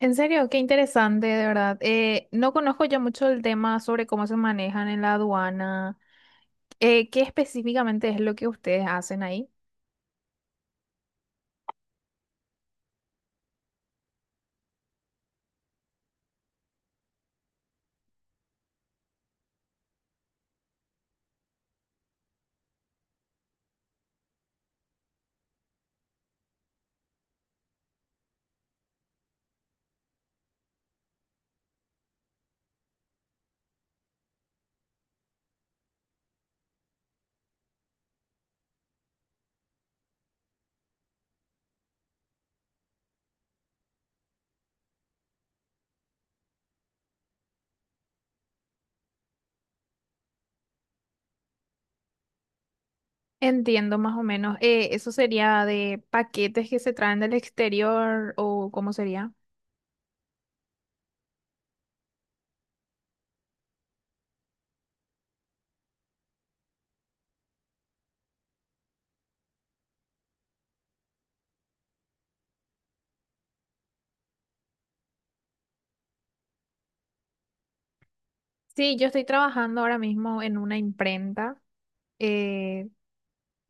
En serio, qué interesante, de verdad. No conozco yo mucho el tema sobre cómo se manejan en la aduana. ¿Qué específicamente es lo que ustedes hacen ahí? Entiendo más o menos. ¿Eso sería de paquetes que se traen del exterior o cómo sería? Sí, yo estoy trabajando ahora mismo en una imprenta. Eh,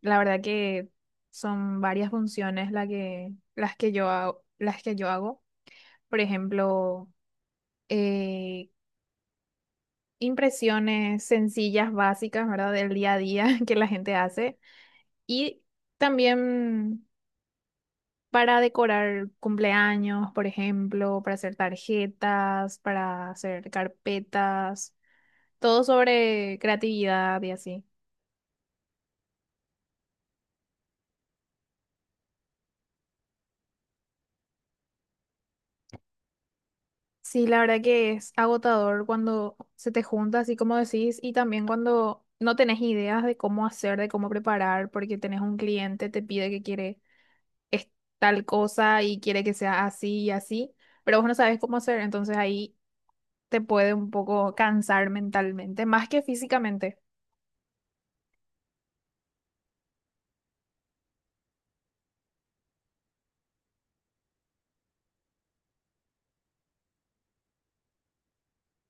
la verdad que son varias funciones las que yo hago, las que yo hago. Por ejemplo, eh, impresiones sencillas, básicas, ¿verdad? Del día a día que la gente hace. Y también para decorar cumpleaños, por ejemplo, para hacer tarjetas, para hacer carpetas, todo sobre creatividad y así. Sí, la verdad que es agotador cuando se te junta, así como decís, y también cuando no tenés ideas de cómo hacer, de cómo preparar, porque tenés un cliente, te pide que quiere es tal cosa y quiere que sea así y así, pero vos no sabes cómo hacer, entonces ahí te puede un poco cansar mentalmente, más que físicamente.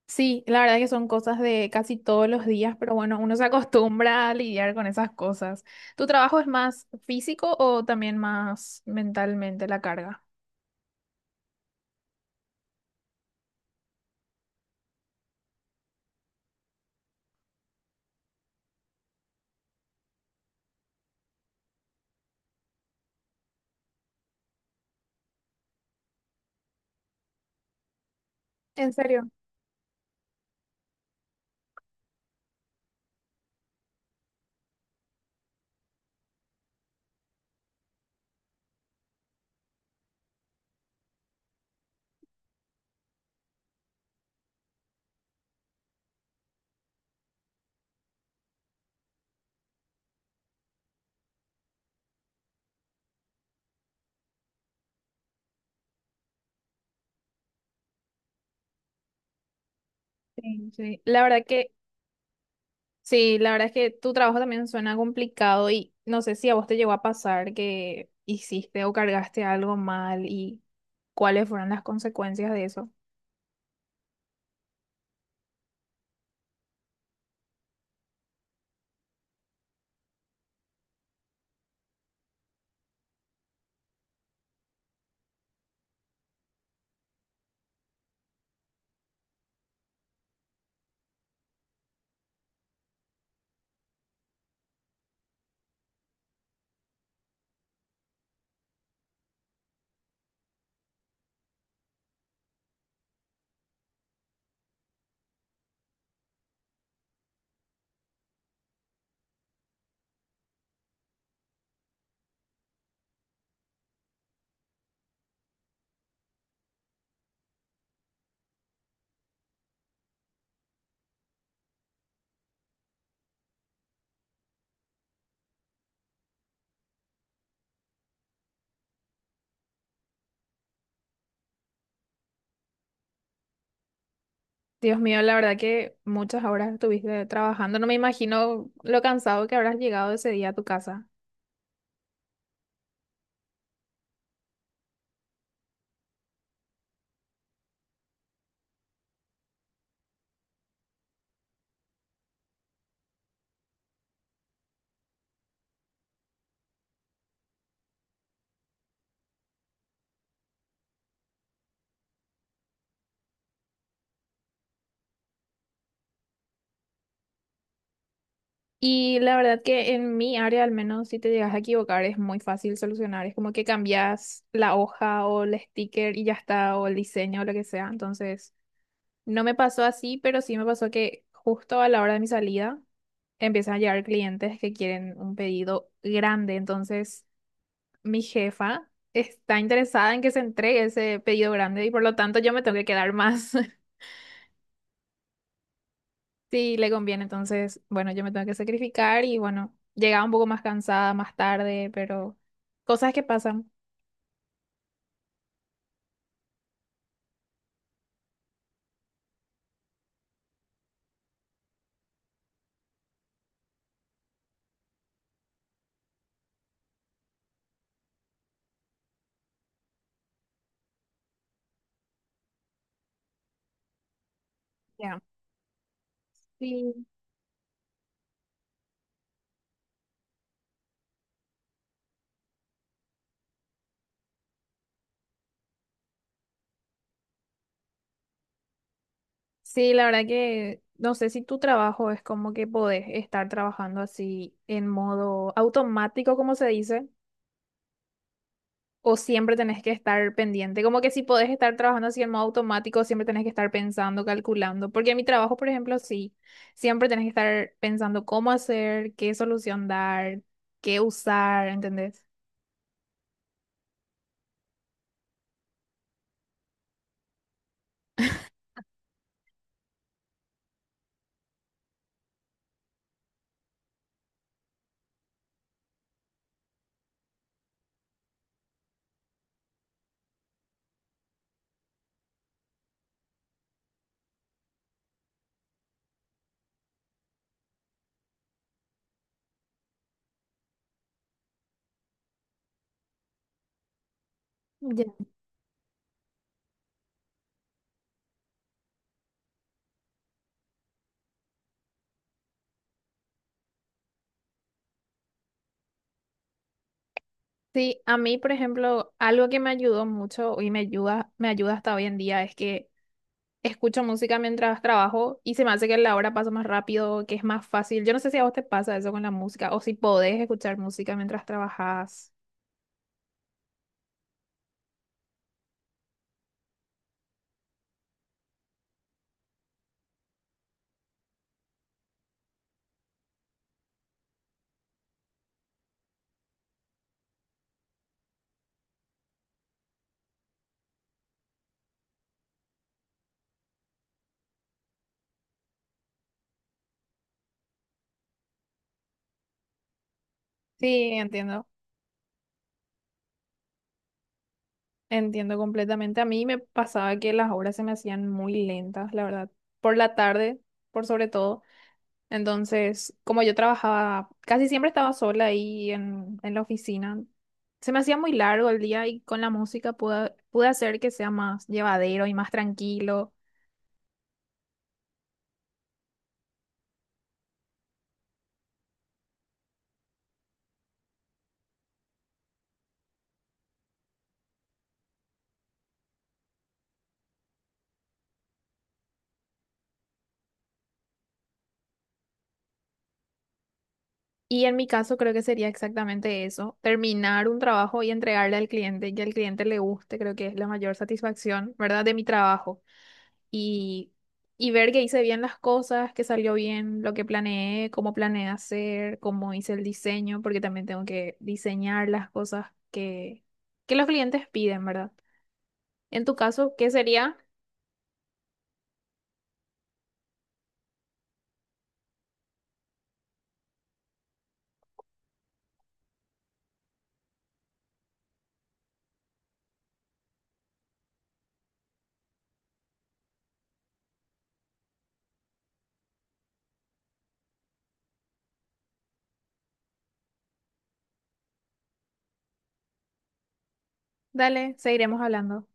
Sí, la verdad que son cosas de casi todos los días, pero bueno, uno se acostumbra a lidiar con esas cosas. ¿Tu trabajo es más físico o también más mentalmente la carga? En serio, sí, sí. La verdad que sí, la verdad es que tu trabajo también suena complicado y no sé si a vos te llegó a pasar que hiciste o cargaste algo mal y cuáles fueron las consecuencias de eso. Dios mío, la verdad que muchas horas estuviste trabajando. No me imagino lo cansado que habrás llegado ese día a tu casa. Y la verdad que en mi área, al menos si te llegas a equivocar, es muy fácil solucionar. Es como que cambias la hoja o el sticker y ya está, o el diseño o lo que sea. Entonces, no me pasó así, pero sí me pasó que justo a la hora de mi salida empiezan a llegar clientes que quieren un pedido grande. Entonces, mi jefa está interesada en que se entregue ese pedido grande y por lo tanto yo me tengo que quedar más. si le conviene. Entonces, bueno, yo me tengo que sacrificar y bueno, llegaba un poco más cansada más tarde, pero cosas que pasan. Ya. Sí. Sí, la verdad que no sé si tu trabajo es como que podés estar trabajando así en modo automático, como se dice, o siempre tenés que estar pendiente. Como que si podés estar trabajando así en modo automático, siempre tenés que estar pensando, calculando. Porque en mi trabajo, por ejemplo, sí, siempre tenés que estar pensando cómo hacer, qué solución dar, qué usar, ¿entendés? Ya. Sí, a mí, por ejemplo, algo que me ayudó mucho y me ayuda hasta hoy en día es que escucho música mientras trabajo y se me hace que la hora pasa más rápido, que es más fácil. Yo no sé si a vos te pasa eso con la música o si podés escuchar música mientras trabajas. Sí, entiendo, entiendo completamente. A mí me pasaba que las horas se me hacían muy lentas, la verdad, por la tarde, por sobre todo. Entonces, como yo trabajaba, casi siempre estaba sola ahí en la oficina. Se me hacía muy largo el día y con la música pude hacer que sea más llevadero y más tranquilo. Y en mi caso creo que sería exactamente eso, terminar un trabajo y entregarle al cliente y que al cliente le guste, creo que es la mayor satisfacción, ¿verdad? De mi trabajo y, y ver que hice bien las cosas, que salió bien lo que planeé, cómo planeé hacer, cómo hice el diseño, porque también tengo que diseñar las cosas que, que los clientes piden, ¿verdad? En tu caso, ¿qué sería? Dale, seguiremos hablando.